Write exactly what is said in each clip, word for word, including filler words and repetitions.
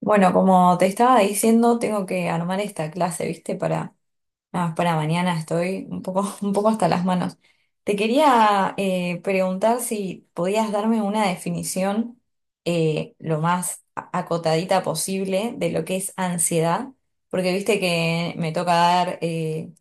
Bueno, como te estaba diciendo, tengo que armar esta clase, ¿viste? Para, nada, para mañana estoy un poco, un poco hasta las manos. Te quería eh, preguntar si podías darme una definición eh, lo más a- acotadita posible de lo que es ansiedad, porque viste que me toca dar eh,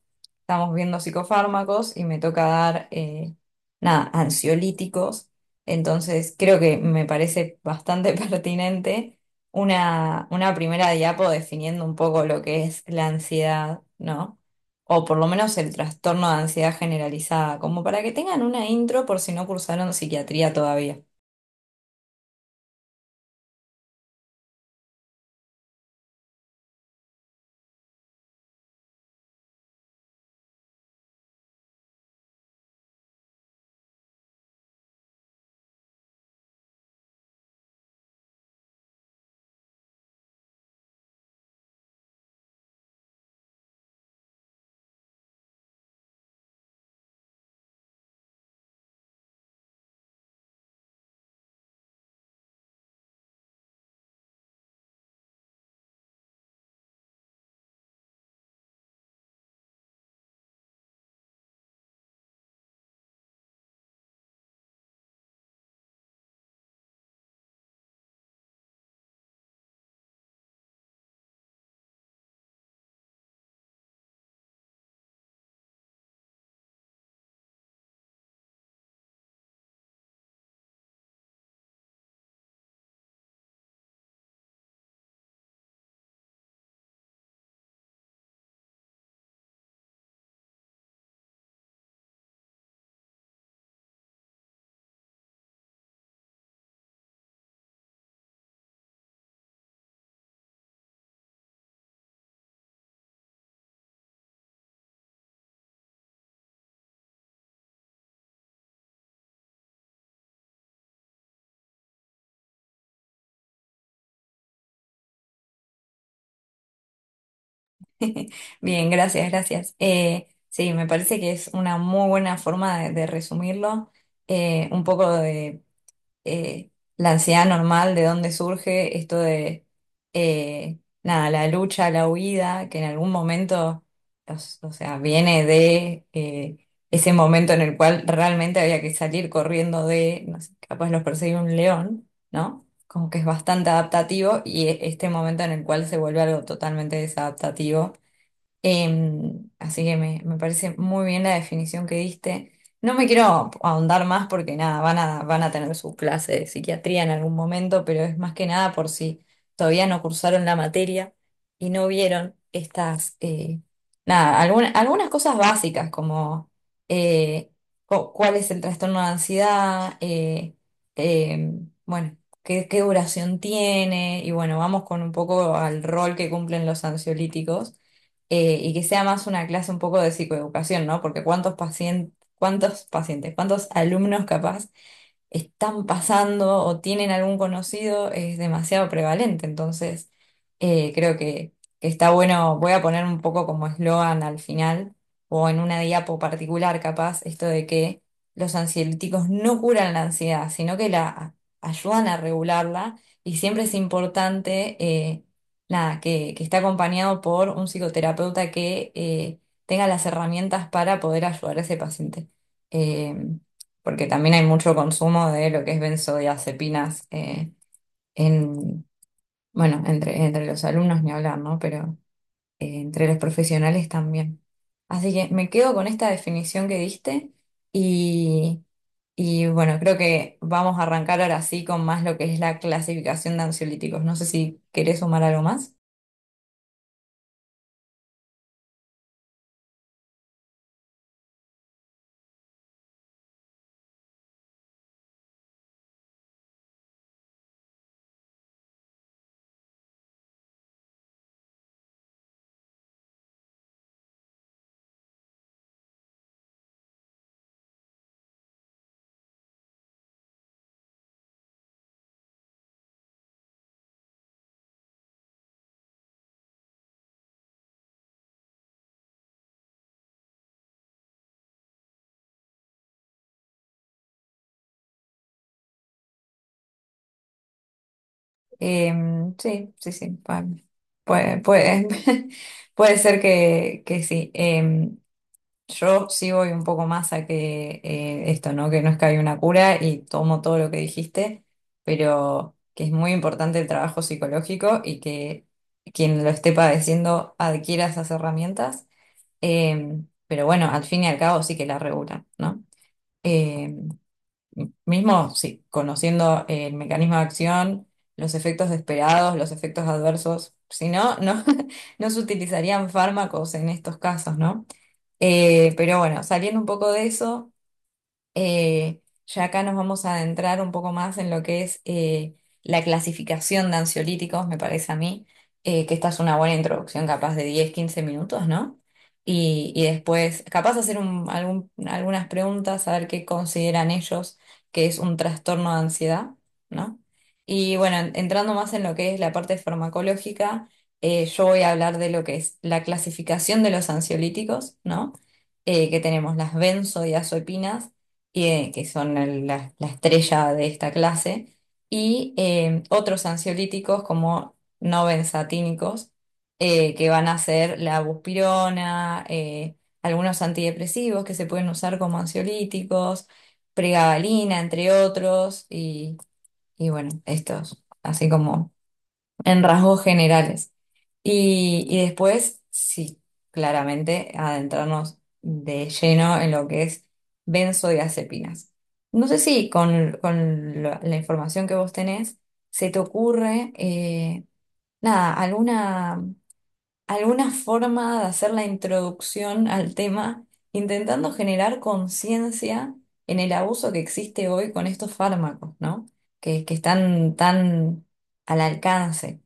estamos viendo psicofármacos y me toca dar, eh, nada, ansiolíticos. Entonces, creo que me parece bastante pertinente una, una primera diapo definiendo un poco lo que es la ansiedad, ¿no? O por lo menos el trastorno de ansiedad generalizada, como para que tengan una intro por si no cursaron psiquiatría todavía. Bien, gracias, gracias. Eh, sí, me parece que es una muy buena forma de, de resumirlo. Eh, un poco de eh, la ansiedad normal, de dónde surge esto de, eh, nada, la lucha, la huida, que en algún momento, os- o, sea, viene de eh, ese momento en el cual realmente había que salir corriendo de, no sé, capaz los perseguía un león, ¿no? Como que es bastante adaptativo y e- este momento en el cual se vuelve algo totalmente desadaptativo. Em, así que me, me parece muy bien la definición que diste. No me quiero ahondar más porque nada, van a, van a tener su clase de psiquiatría en algún momento, pero es más que nada por si todavía no cursaron la materia y no vieron estas, eh, nada, alguna- algunas cosas básicas como eh, cu- cuál es el trastorno de ansiedad, eh, em, bueno, qué, qué duración tiene y bueno, vamos con un poco al rol que cumplen los ansiolíticos eh, y que sea más una clase un poco de psicoeducación, ¿no? Porque cuántos pacientes, cuántos pacientes, cuántos alumnos capaz están pasando o tienen algún conocido. Es demasiado prevalente. Entonces, eh, creo que, que está bueno, voy a poner un poco como eslogan al final o en una diapo particular capaz, esto de que los ansiolíticos no curan la ansiedad, sino que la ayudan a regularla y siempre es importante, eh, nada, que, que esté acompañado por un psicoterapeuta que... eh, tenga las herramientas para poder ayudar a ese paciente. Eh, Porque también hay mucho consumo de lo que es benzodiazepinas eh, en, bueno, entre, entre los alumnos ni hablar, ¿no? Pero eh, entre los profesionales también. Así que me quedo con esta definición que diste y, y bueno, creo que vamos a arrancar ahora sí con más lo que es la clasificación de ansiolíticos. No sé si querés sumar algo más. Em, sí, sí, sí. pa- Puede, puede, puede ser que, que sí. Em, Yo sí voy un poco más a que eh, esto, ¿no? Que no es que hay una cura y tomo todo lo que dijiste, pero que es muy importante el trabajo psicológico y que quien lo esté padeciendo adquiera esas herramientas. Eh, pero bueno, al fin y al cabo sí que la regulan, ¿no? Eh, Mismo sí, conociendo el mecanismo de acción, los efectos esperados, los efectos adversos, si no, no, no se utilizarían fármacos en estos casos, ¿no? Eh, pero bueno, saliendo un poco de eso. Eh, ya acá nos vamos a adentrar un poco más en lo que es eh, la clasificación de ansiolíticos, me parece a mí, eh, que esta es una buena introducción, capaz de diez quince minutos, ¿no? Y, y después, capaz hacer un- algún- algunas preguntas, a ver qué consideran ellos que es un trastorno de ansiedad, ¿no? Y bueno, en- entrando más en lo que es la parte farmacológica, eh, yo voy a hablar de lo que es la clasificación de los ansiolíticos, ¿no? Eh, que tenemos las benzodiazepinas y, eh, que son el- la, la estrella de esta clase, y eh, otros ansiolíticos como no benzatínicos, eh, que van a ser la buspirona, eh, algunos antidepresivos que se pueden usar como ansiolíticos, pregabalina, entre otros, y, y bueno, estos, así como en rasgos generales. Y, y después, sí, claramente adentrarnos de lleno en lo que es benzodiazepinas. No sé si con, con la, la información que vos tenés se te ocurre, eh, nada, alguna, alguna forma de hacer la introducción al tema, intentando generar conciencia en el abuso que existe hoy con estos fármacos, ¿no? Que, que están tan al alcance.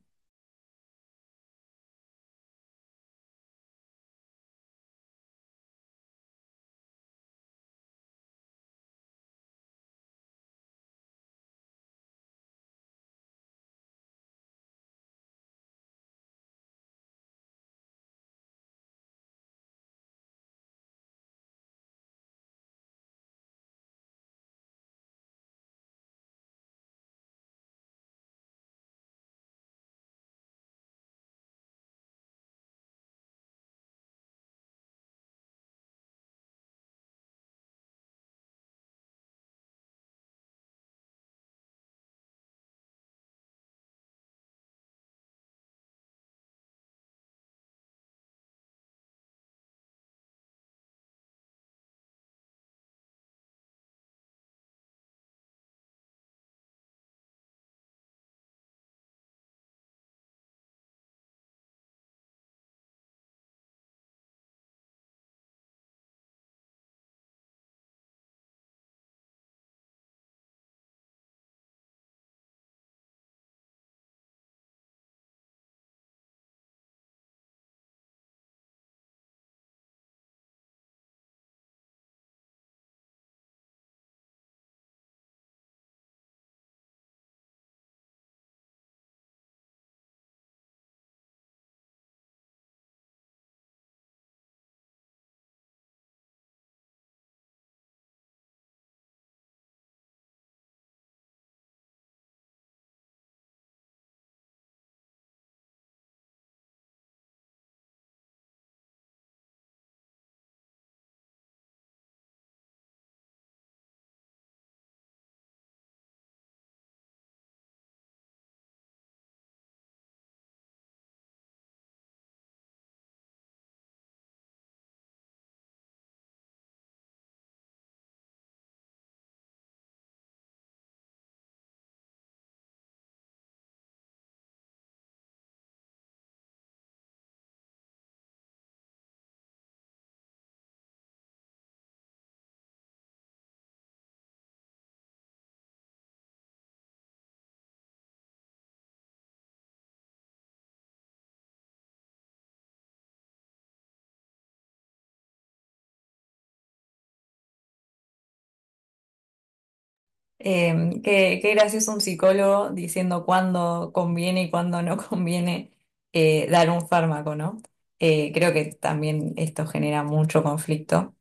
Em, qué, ¿qué gracioso un psicólogo diciendo cuándo conviene y cuándo no conviene eh, dar un fármaco, ¿no? Eh, creo que también esto genera mucho conflicto.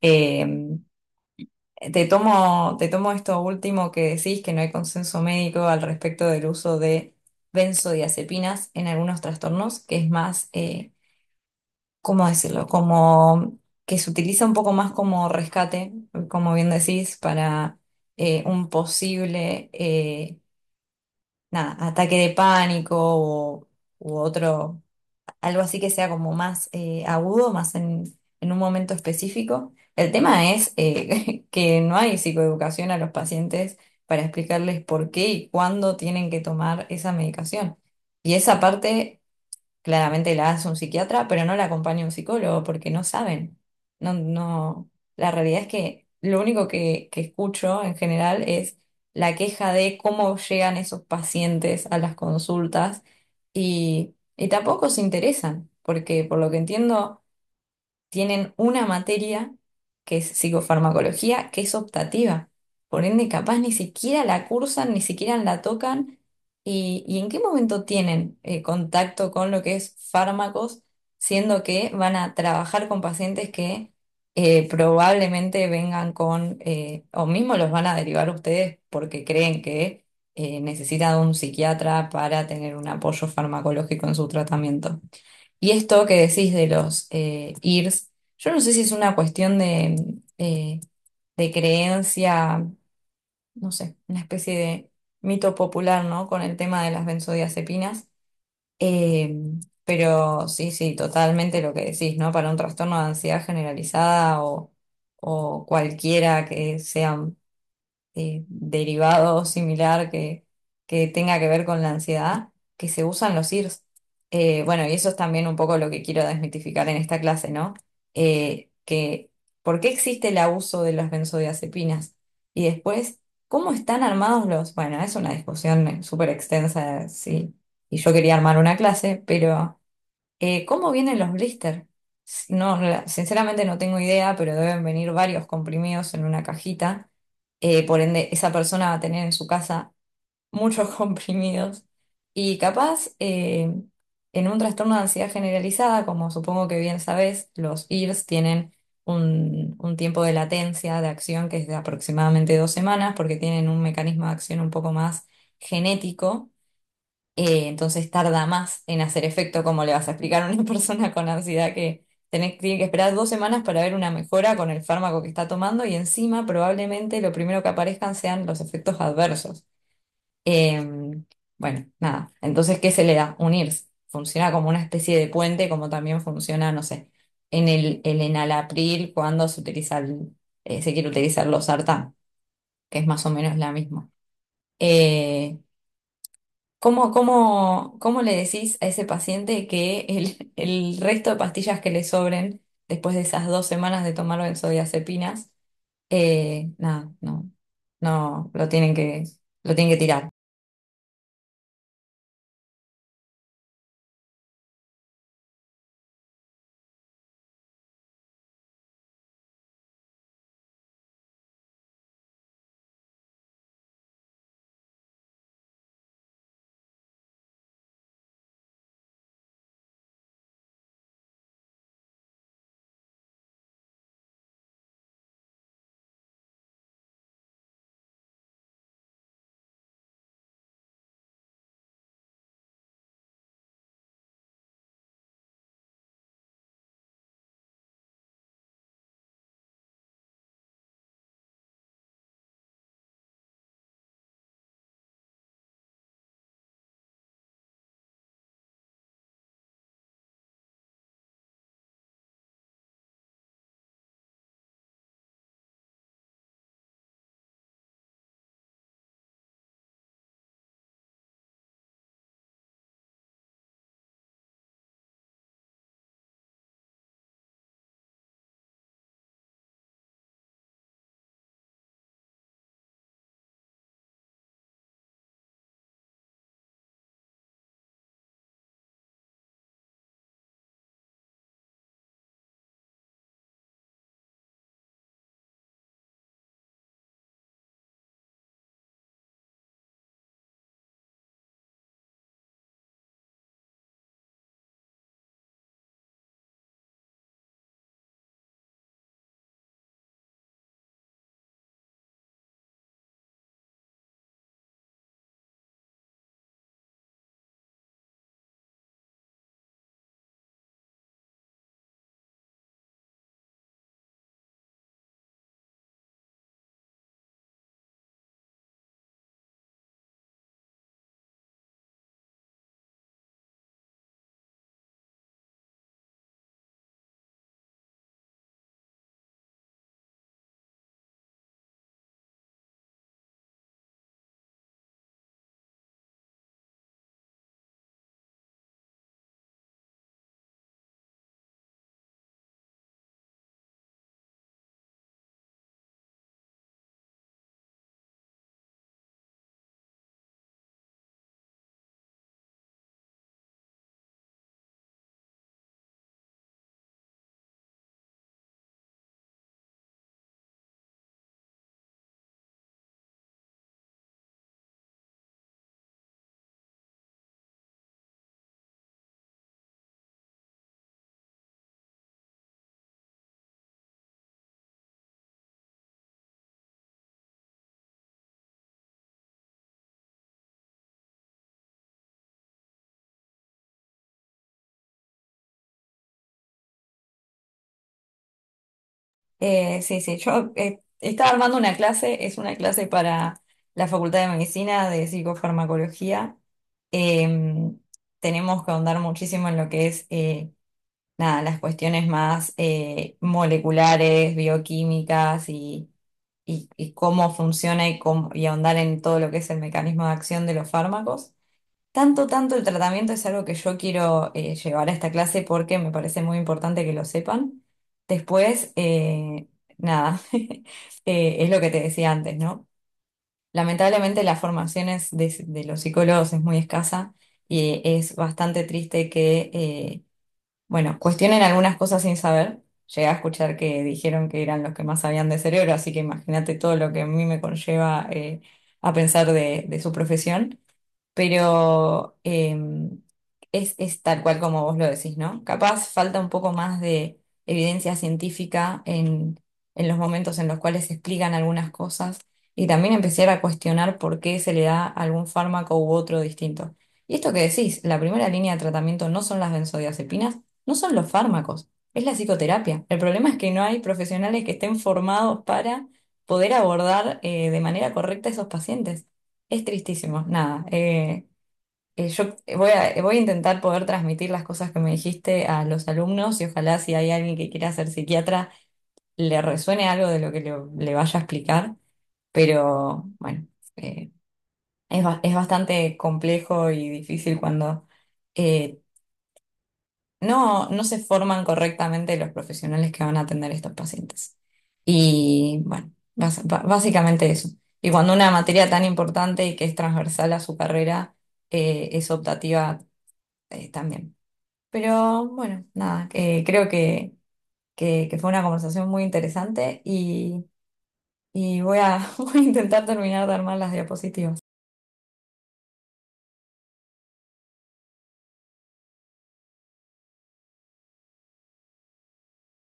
Em, te tomo, te tomo esto último que decís, que no hay consenso médico al respecto del uso de benzodiazepinas en algunos trastornos, que es más, eh, ¿cómo decirlo? Como que se utiliza un poco más como rescate, como bien decís, para eh, un posible... eh, nada, ataque de pánico o, u otro, algo así que sea como más eh, agudo, más en, en un momento específico. El tema es eh, que no hay psicoeducación a los pacientes para explicarles por qué y cuándo tienen que tomar esa medicación. Y esa parte claramente la hace un psiquiatra, pero no la acompaña un psicólogo porque no saben. No, no. La realidad es que lo único que, que escucho en general es la queja de cómo llegan esos pacientes a las consultas y, y tampoco se interesan, porque por lo que entiendo tienen una materia que es psicofarmacología, que es optativa. Por ende, capaz ni siquiera la cursan, ni siquiera la tocan. ¿Y, ¿y en qué momento tienen eh, contacto con lo que es fármacos, siendo que van a trabajar con pacientes que eh, probablemente vengan con, eh, o mismo los van a derivar ustedes porque creen que eh, necesitan de un psiquiatra para tener un apoyo farmacológico en su tratamiento? Y esto que decís de los eh, I R S, yo no sé si es una cuestión de, eh, de creencia, no sé, una especie de mito popular, ¿no? Con el tema de las benzodiazepinas. Eh, pero sí, sí, totalmente lo que decís, ¿no? Para un trastorno de ansiedad generalizada o, o cualquiera que sea eh, derivado o similar que, que tenga que ver con la ansiedad, que se usan los I R S. Eh, bueno, y eso es también un poco lo que quiero desmitificar en esta clase, ¿no? Eh, que, ¿Por qué existe el abuso de las benzodiazepinas? Y después, ¿cómo están armados los...? Bueno, es una discusión eh, súper extensa, sí, y yo quería armar una clase, pero... Eh, ¿cómo vienen los blister? S- No, la- sinceramente no tengo idea, pero deben venir varios comprimidos en una cajita. Eh, por ende, esa persona va a tener en su casa muchos comprimidos. Y capaz, eh, en un trastorno de ansiedad generalizada, como supongo que bien sabes, los I R S tienen un, un tiempo de latencia de acción que es de aproximadamente dos semanas, porque tienen un mecanismo de acción un poco más genético. Eh, entonces tarda más en hacer efecto. Como le vas a explicar a una persona con ansiedad que tenés, tiene que esperar dos semanas para ver una mejora con el fármaco que está tomando y encima probablemente lo primero que aparezcan sean los efectos adversos? Eh, bueno, nada, entonces, ¿qué se le da? Unirse. Funciona como una especie de puente, como también funciona, no sé, en el, el enalapril cuando se utiliza el- eh, se quiere utilizar los sartán, que es más o menos la misma. Eh, ¿Cómo, cómo, cómo le decís a ese paciente que el, el resto de pastillas que le sobren después de esas dos semanas de tomar benzodiazepinas, eh, nada, no, no, lo tienen que, lo tienen que tirar? Eh, sí, sí, yo eh, estaba armando una clase, es una clase para la Facultad de Medicina de Psicofarmacología. Em, Tenemos que ahondar muchísimo en lo que es eh, nada, las cuestiones más eh, moleculares, bioquímicas y, y, y cómo funciona y, cómo- y ahondar en todo lo que es el mecanismo de acción de los fármacos. Tanto, tanto el tratamiento es algo que yo quiero eh, llevar a esta clase porque me parece muy importante que lo sepan. Después, eh, nada, eh, es lo que te decía antes, ¿no? Lamentablemente la formación es de, de los psicólogos es muy escasa y es bastante triste que... eh, bueno, cuestionen algunas cosas sin saber. Llegué a escuchar que dijeron que eran los que más sabían de cerebro, así que imagínate todo lo que a mí me conlleva eh, a pensar de, de su profesión. Pero em, es, es tal cual como vos lo decís, ¿no? Capaz falta un poco más de evidencia científica en, en los momentos en los cuales se explican algunas cosas y también empezar a cuestionar por qué se le da algún fármaco u otro distinto. Y esto que decís, la primera línea de tratamiento no son las benzodiazepinas, no son los fármacos, es la psicoterapia. El problema es que no hay profesionales que estén formados para poder abordar eh, de manera correcta a esos pacientes. Es tristísimo, nada. Eh, eh, yo eh, voy a, eh, voy a intentar poder transmitir las cosas que me dijiste a los alumnos y ojalá si hay alguien que quiera ser psiquiatra le resuene algo de lo que lo- le vaya a explicar, pero bueno, eh, es, ba- es bastante complejo y difícil cuando eh, no, no se forman correctamente los profesionales que van a atender a estos pacientes. Y bueno, bas- ba- básicamente eso. Y cuando una materia tan importante y que es transversal a su carrera eh, es optativa eh, también. Pero bueno, nada, eh, creo que, que, que fue una conversación muy interesante y, y voy a, voy a intentar terminar de armar las diapositivas.